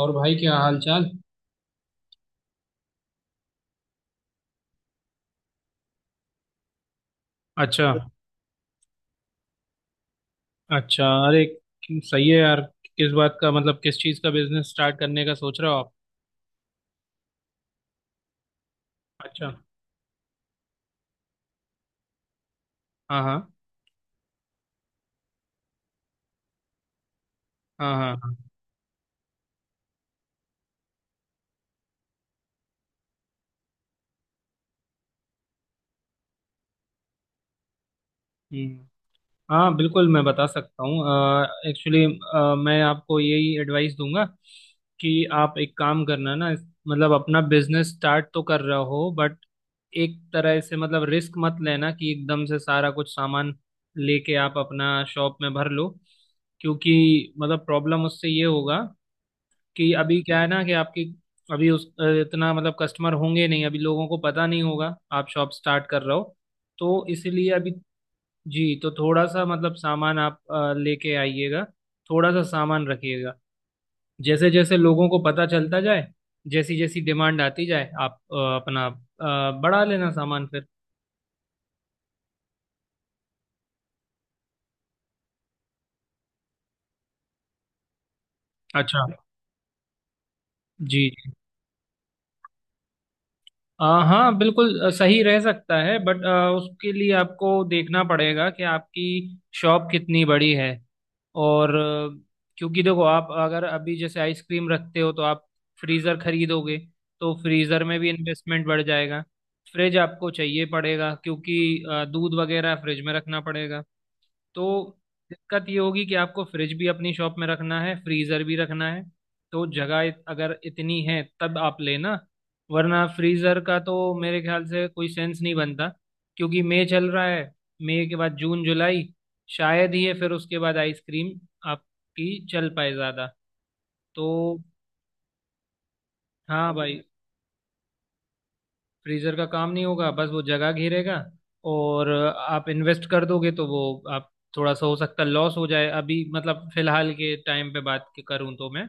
और भाई क्या हाल चाल। अच्छा। अच्छा, अरे, सही है यार। किस बात का मतलब किस चीज़ का बिजनेस स्टार्ट करने का सोच रहे हो आप? अच्छा। हाँ हाँ। हाँ हाँ हाँ। हम्म। हाँ बिल्कुल, मैं बता सकता हूँ एक्चुअली। मैं आपको यही एडवाइस दूंगा कि आप एक काम करना ना, मतलब अपना बिजनेस स्टार्ट तो कर रहे हो बट एक तरह से मतलब रिस्क मत लेना कि एकदम से सारा कुछ सामान लेके आप अपना शॉप में भर लो, क्योंकि मतलब प्रॉब्लम उससे ये होगा कि अभी क्या है ना, कि आपकी अभी उस इतना मतलब कस्टमर होंगे नहीं, अभी लोगों को पता नहीं होगा आप शॉप स्टार्ट कर रहे हो। तो इसलिए अभी। जी। तो थोड़ा सा मतलब सामान आप लेके आइएगा, थोड़ा सा सामान रखिएगा। जैसे जैसे लोगों को पता चलता जाए, जैसी जैसी डिमांड आती जाए, आप अपना बढ़ा लेना सामान फिर। अच्छा। जी। अ, हाँ बिल्कुल, सही रह सकता है बट उसके लिए आपको देखना पड़ेगा कि आपकी शॉप कितनी बड़ी है, और क्योंकि देखो आप अगर अभी जैसे आइसक्रीम रखते हो तो आप फ्रीज़र खरीदोगे, तो फ्रीज़र में भी इन्वेस्टमेंट बढ़ जाएगा। फ्रिज आपको चाहिए पड़ेगा क्योंकि दूध वगैरह फ्रिज में रखना पड़ेगा। तो दिक्कत ये होगी कि आपको फ्रिज भी अपनी शॉप में रखना है, फ्रीजर भी रखना है। तो जगह अगर इतनी है तब आप लेना, वरना फ्रीजर का तो मेरे ख्याल से कोई सेंस नहीं बनता क्योंकि मई चल रहा है, मई के बाद जून जुलाई शायद ही है, फिर उसके बाद आइसक्रीम आपकी चल पाए ज़्यादा। तो हाँ भाई, फ्रीजर का काम नहीं होगा, बस वो जगह घेरेगा और आप इन्वेस्ट कर दोगे तो वो आप थोड़ा सा हो सकता है लॉस हो जाए। अभी मतलब फिलहाल के टाइम पे बात करूं तो मैं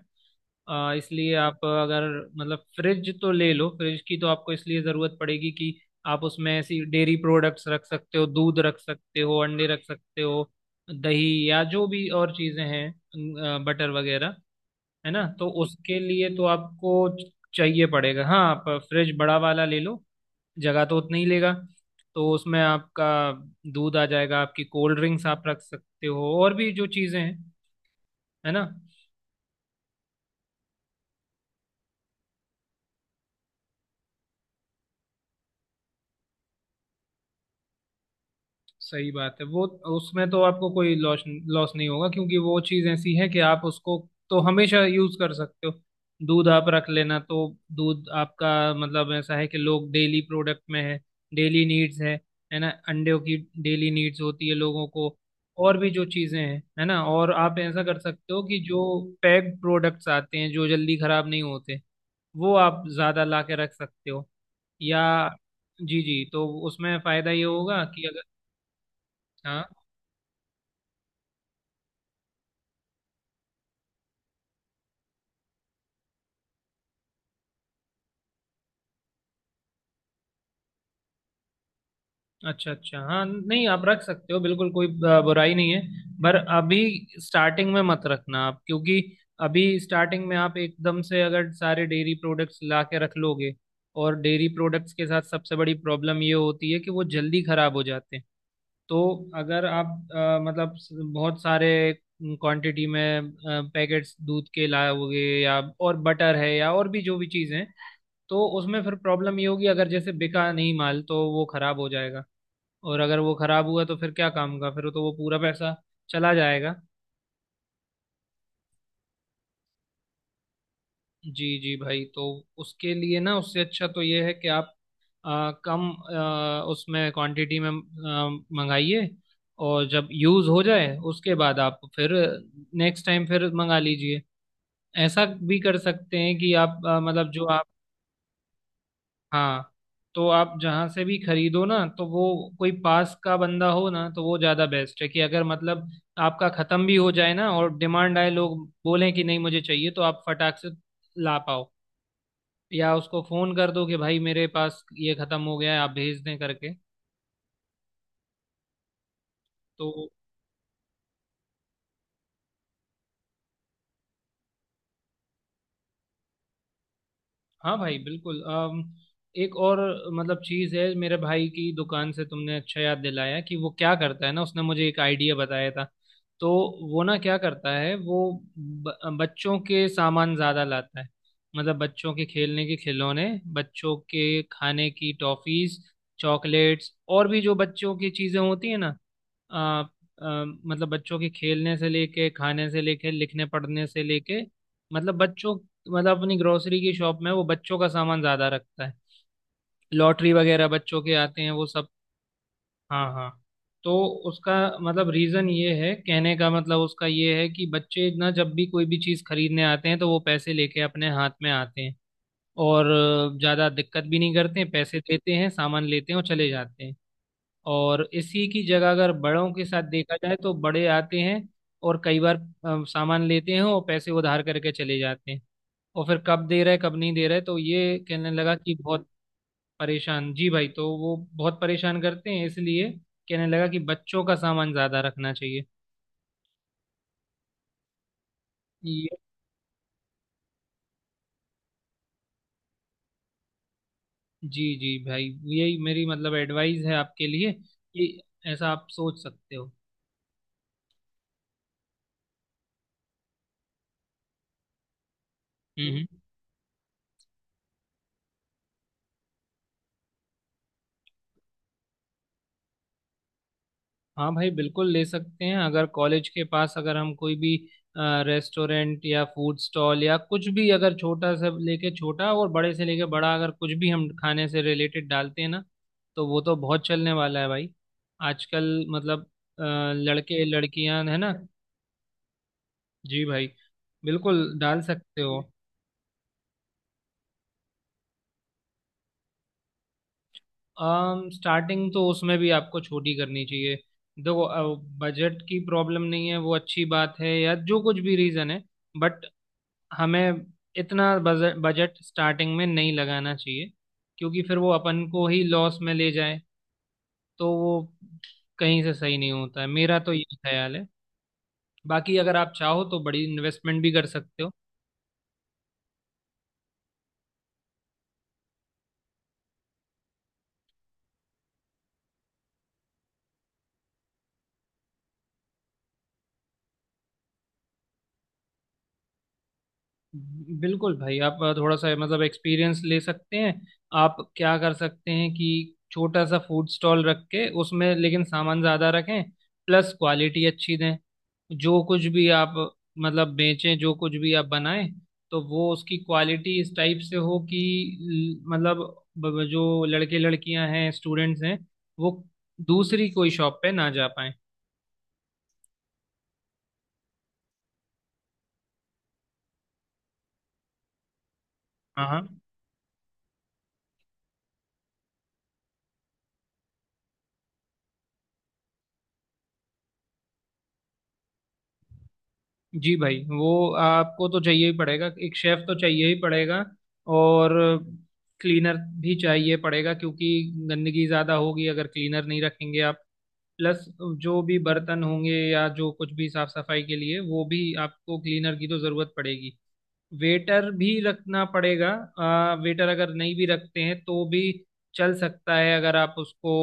इसलिए आप अगर मतलब फ्रिज तो ले लो। फ्रिज की तो आपको इसलिए ज़रूरत पड़ेगी कि आप उसमें ऐसी डेयरी प्रोडक्ट्स रख सकते हो, दूध रख सकते हो, अंडे रख सकते हो, दही या जो भी और चीज़ें हैं, बटर वगैरह, है ना। तो उसके लिए तो आपको चाहिए पड़ेगा। हाँ आप फ्रिज बड़ा वाला ले लो, जगह तो उतना ही लेगा, तो उसमें आपका दूध आ जाएगा, आपकी कोल्ड ड्रिंक्स आप रख सकते हो और भी जो चीज़ें हैं, है ना। सही बात है वो। उसमें तो आपको कोई लॉस लॉस नहीं होगा क्योंकि वो चीज़ ऐसी है कि आप उसको तो हमेशा यूज कर सकते हो। दूध आप रख लेना, तो दूध आपका मतलब ऐसा है कि लोग डेली प्रोडक्ट में है, डेली नीड्स है ना। अंडों की डेली नीड्स होती है लोगों को। और भी जो चीज़ें हैं, है ना, और आप ऐसा कर सकते हो कि जो पैक्ड प्रोडक्ट्स आते हैं जो जल्दी खराब नहीं होते, वो आप ज़्यादा ला के रख सकते हो, या। जी जी। तो उसमें फ़ायदा ये होगा कि अगर। हाँ। अच्छा अच्छा। हाँ, नहीं आप रख सकते हो बिल्कुल, कोई बुराई नहीं है, पर अभी स्टार्टिंग में मत रखना आप क्योंकि अभी स्टार्टिंग में आप एकदम से अगर सारे डेयरी प्रोडक्ट्स ला के रख लोगे, और डेयरी प्रोडक्ट्स के साथ सबसे बड़ी प्रॉब्लम ये होती है कि वो जल्दी खराब हो जाते हैं। तो अगर आप मतलब बहुत सारे क्वांटिटी में पैकेट्स दूध के लाओगे या और बटर है या और भी जो भी चीज़ है, तो उसमें फिर प्रॉब्लम ये होगी अगर जैसे बिका नहीं माल तो वो खराब हो जाएगा, और अगर वो खराब हुआ तो फिर क्या काम का, फिर तो वो पूरा पैसा चला जाएगा। जी जी भाई। तो उसके लिए ना उससे अच्छा तो ये है कि आप कम उसमें क्वांटिटी में मंगाइए, और जब यूज़ हो जाए उसके बाद आप फिर नेक्स्ट टाइम फिर मंगा लीजिए। ऐसा भी कर सकते हैं कि आप मतलब जो आप। हाँ। तो आप जहाँ से भी खरीदो ना तो वो कोई पास का बंदा हो ना तो वो ज़्यादा बेस्ट है कि अगर मतलब आपका ख़त्म भी हो जाए ना और डिमांड आए, लोग बोलें कि नहीं मुझे चाहिए, तो आप फटाक से ला पाओ, या उसको फ़ोन कर दो कि भाई मेरे पास ये ख़त्म हो गया है आप भेज दें करके। तो हाँ भाई बिल्कुल। एक और मतलब चीज़ है, मेरे भाई की दुकान से तुमने अच्छा याद दिलाया, कि वो क्या करता है ना, उसने मुझे एक आइडिया बताया था। तो वो ना क्या करता है वो ब, बच्चों के सामान ज़्यादा लाता है। मतलब बच्चों के खेलने के खिलौने, बच्चों के खाने की टॉफ़ीज़, चॉकलेट्स और भी जो बच्चों की चीज़ें होती है ना। आ, आ, मतलब बच्चों के खेलने से लेके, खाने से लेके, लिखने पढ़ने से लेके, मतलब बच्चों, मतलब अपनी ग्रोसरी की शॉप में वो बच्चों का सामान ज्यादा रखता है। लॉटरी वगैरह बच्चों के आते हैं वो सब। हाँ हाँ। तो उसका मतलब रीजन ये है, कहने का मतलब उसका ये है कि बच्चे ना जब भी कोई भी चीज खरीदने आते हैं तो वो पैसे लेके अपने हाथ में आते हैं, और ज्यादा दिक्कत भी नहीं करते हैं, पैसे देते हैं, सामान लेते हैं और चले जाते हैं। और इसी की जगह अगर बड़ों के साथ देखा जाए तो बड़े आते हैं और कई बार सामान लेते हैं और पैसे उधार करके चले जाते हैं, और फिर कब दे रहे कब नहीं दे रहे, तो ये कहने लगा कि बहुत परेशान। जी भाई, तो वो बहुत परेशान करते हैं, इसलिए कहने लगा कि बच्चों का सामान ज्यादा रखना चाहिए। ये। जी जी भाई, यही मेरी मतलब एडवाइस है आपके लिए कि ऐसा आप सोच सकते हो। हम्म। हाँ भाई बिल्कुल ले सकते हैं, अगर कॉलेज के पास अगर हम कोई भी रेस्टोरेंट या फूड स्टॉल या कुछ भी, अगर छोटा से लेके छोटा और बड़े से लेके बड़ा, अगर कुछ भी हम खाने से रिलेटेड डालते हैं ना, तो वो तो बहुत चलने वाला है भाई। आजकल मतलब लड़के लड़कियां है ना। जी भाई, बिल्कुल डाल सकते हो। स्टार्टिंग तो उसमें भी आपको छोटी करनी चाहिए। देखो बजट की प्रॉब्लम नहीं है, वो अच्छी बात है, या जो कुछ भी रीज़न है, बट हमें इतना बजट बजट स्टार्टिंग में नहीं लगाना चाहिए क्योंकि फिर वो अपन को ही लॉस में ले जाए, तो वो कहीं से सही नहीं होता है, मेरा तो ये ख्याल है। बाकी अगर आप चाहो तो बड़ी इन्वेस्टमेंट भी कर सकते हो। बिल्कुल भाई, आप थोड़ा सा मतलब एक्सपीरियंस ले सकते हैं। आप क्या कर सकते हैं कि छोटा सा फूड स्टॉल रख के उसमें लेकिन सामान ज़्यादा रखें, प्लस क्वालिटी अच्छी दें। जो कुछ भी आप मतलब बेचें, जो कुछ भी आप बनाएं, तो वो उसकी क्वालिटी इस टाइप से हो कि मतलब जो लड़के लड़कियां हैं, स्टूडेंट्स हैं, वो दूसरी कोई शॉप पे ना जा पाए। हाँ हाँ। जी भाई, वो आपको तो चाहिए ही पड़ेगा, एक शेफ तो चाहिए ही पड़ेगा। और क्लीनर भी चाहिए पड़ेगा, क्योंकि गंदगी ज़्यादा होगी अगर क्लीनर नहीं रखेंगे आप। प्लस जो भी बर्तन होंगे या जो कुछ भी साफ सफाई के लिए, वो भी आपको क्लीनर की तो ज़रूरत पड़ेगी। वेटर भी रखना पड़ेगा। वेटर अगर नहीं भी रखते हैं तो भी चल सकता है, अगर आप उसको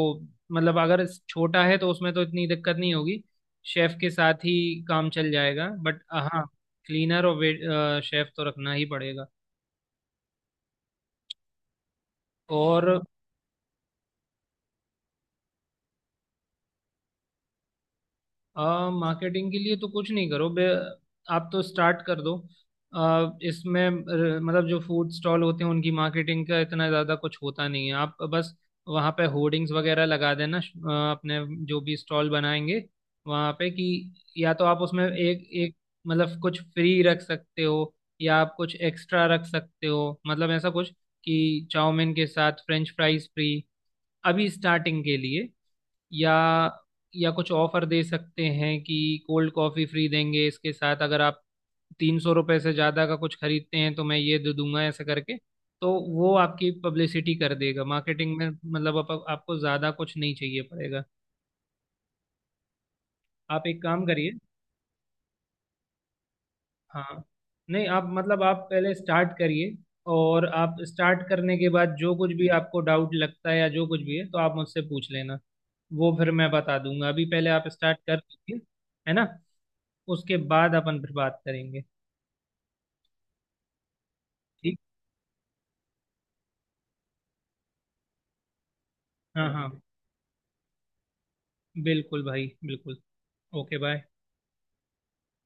मतलब अगर छोटा है तो उसमें तो इतनी दिक्कत नहीं होगी, शेफ के साथ ही काम चल जाएगा, बट हाँ, क्लीनर और वेट शेफ तो रखना ही पड़ेगा। और मार्केटिंग के लिए तो कुछ नहीं करो बे, आप तो स्टार्ट कर दो। इसमें मतलब जो फूड स्टॉल होते हैं उनकी मार्केटिंग का इतना ज़्यादा कुछ होता नहीं है, आप बस वहाँ पे होर्डिंग्स वगैरह लगा देना, अपने जो भी स्टॉल बनाएंगे वहाँ पे, कि या तो आप उसमें एक एक मतलब कुछ फ्री रख सकते हो, या आप कुछ एक्स्ट्रा रख सकते हो, मतलब ऐसा कुछ कि चाउमीन के साथ फ्रेंच फ्राइज फ्री, अभी स्टार्टिंग के लिए, या या कुछ ऑफर दे सकते हैं कि कोल्ड कॉफी फ्री देंगे इसके साथ, अगर आप 300 रुपये से ज़्यादा का कुछ खरीदते हैं तो मैं ये दे दूंगा, ऐसे करके। तो वो आपकी पब्लिसिटी कर देगा, मार्केटिंग में मतलब आपको ज़्यादा कुछ नहीं चाहिए पड़ेगा। आप एक काम करिए। हाँ। नहीं आप मतलब आप पहले स्टार्ट करिए, और आप स्टार्ट करने के बाद जो कुछ भी आपको डाउट लगता है या जो कुछ भी है तो आप मुझसे पूछ लेना, वो फिर मैं बता दूंगा, अभी पहले आप स्टार्ट कर दीजिए, है ना। उसके बाद अपन फिर बात करेंगे, ठीक। हाँ हाँ बिल्कुल भाई बिल्कुल। Okay bye.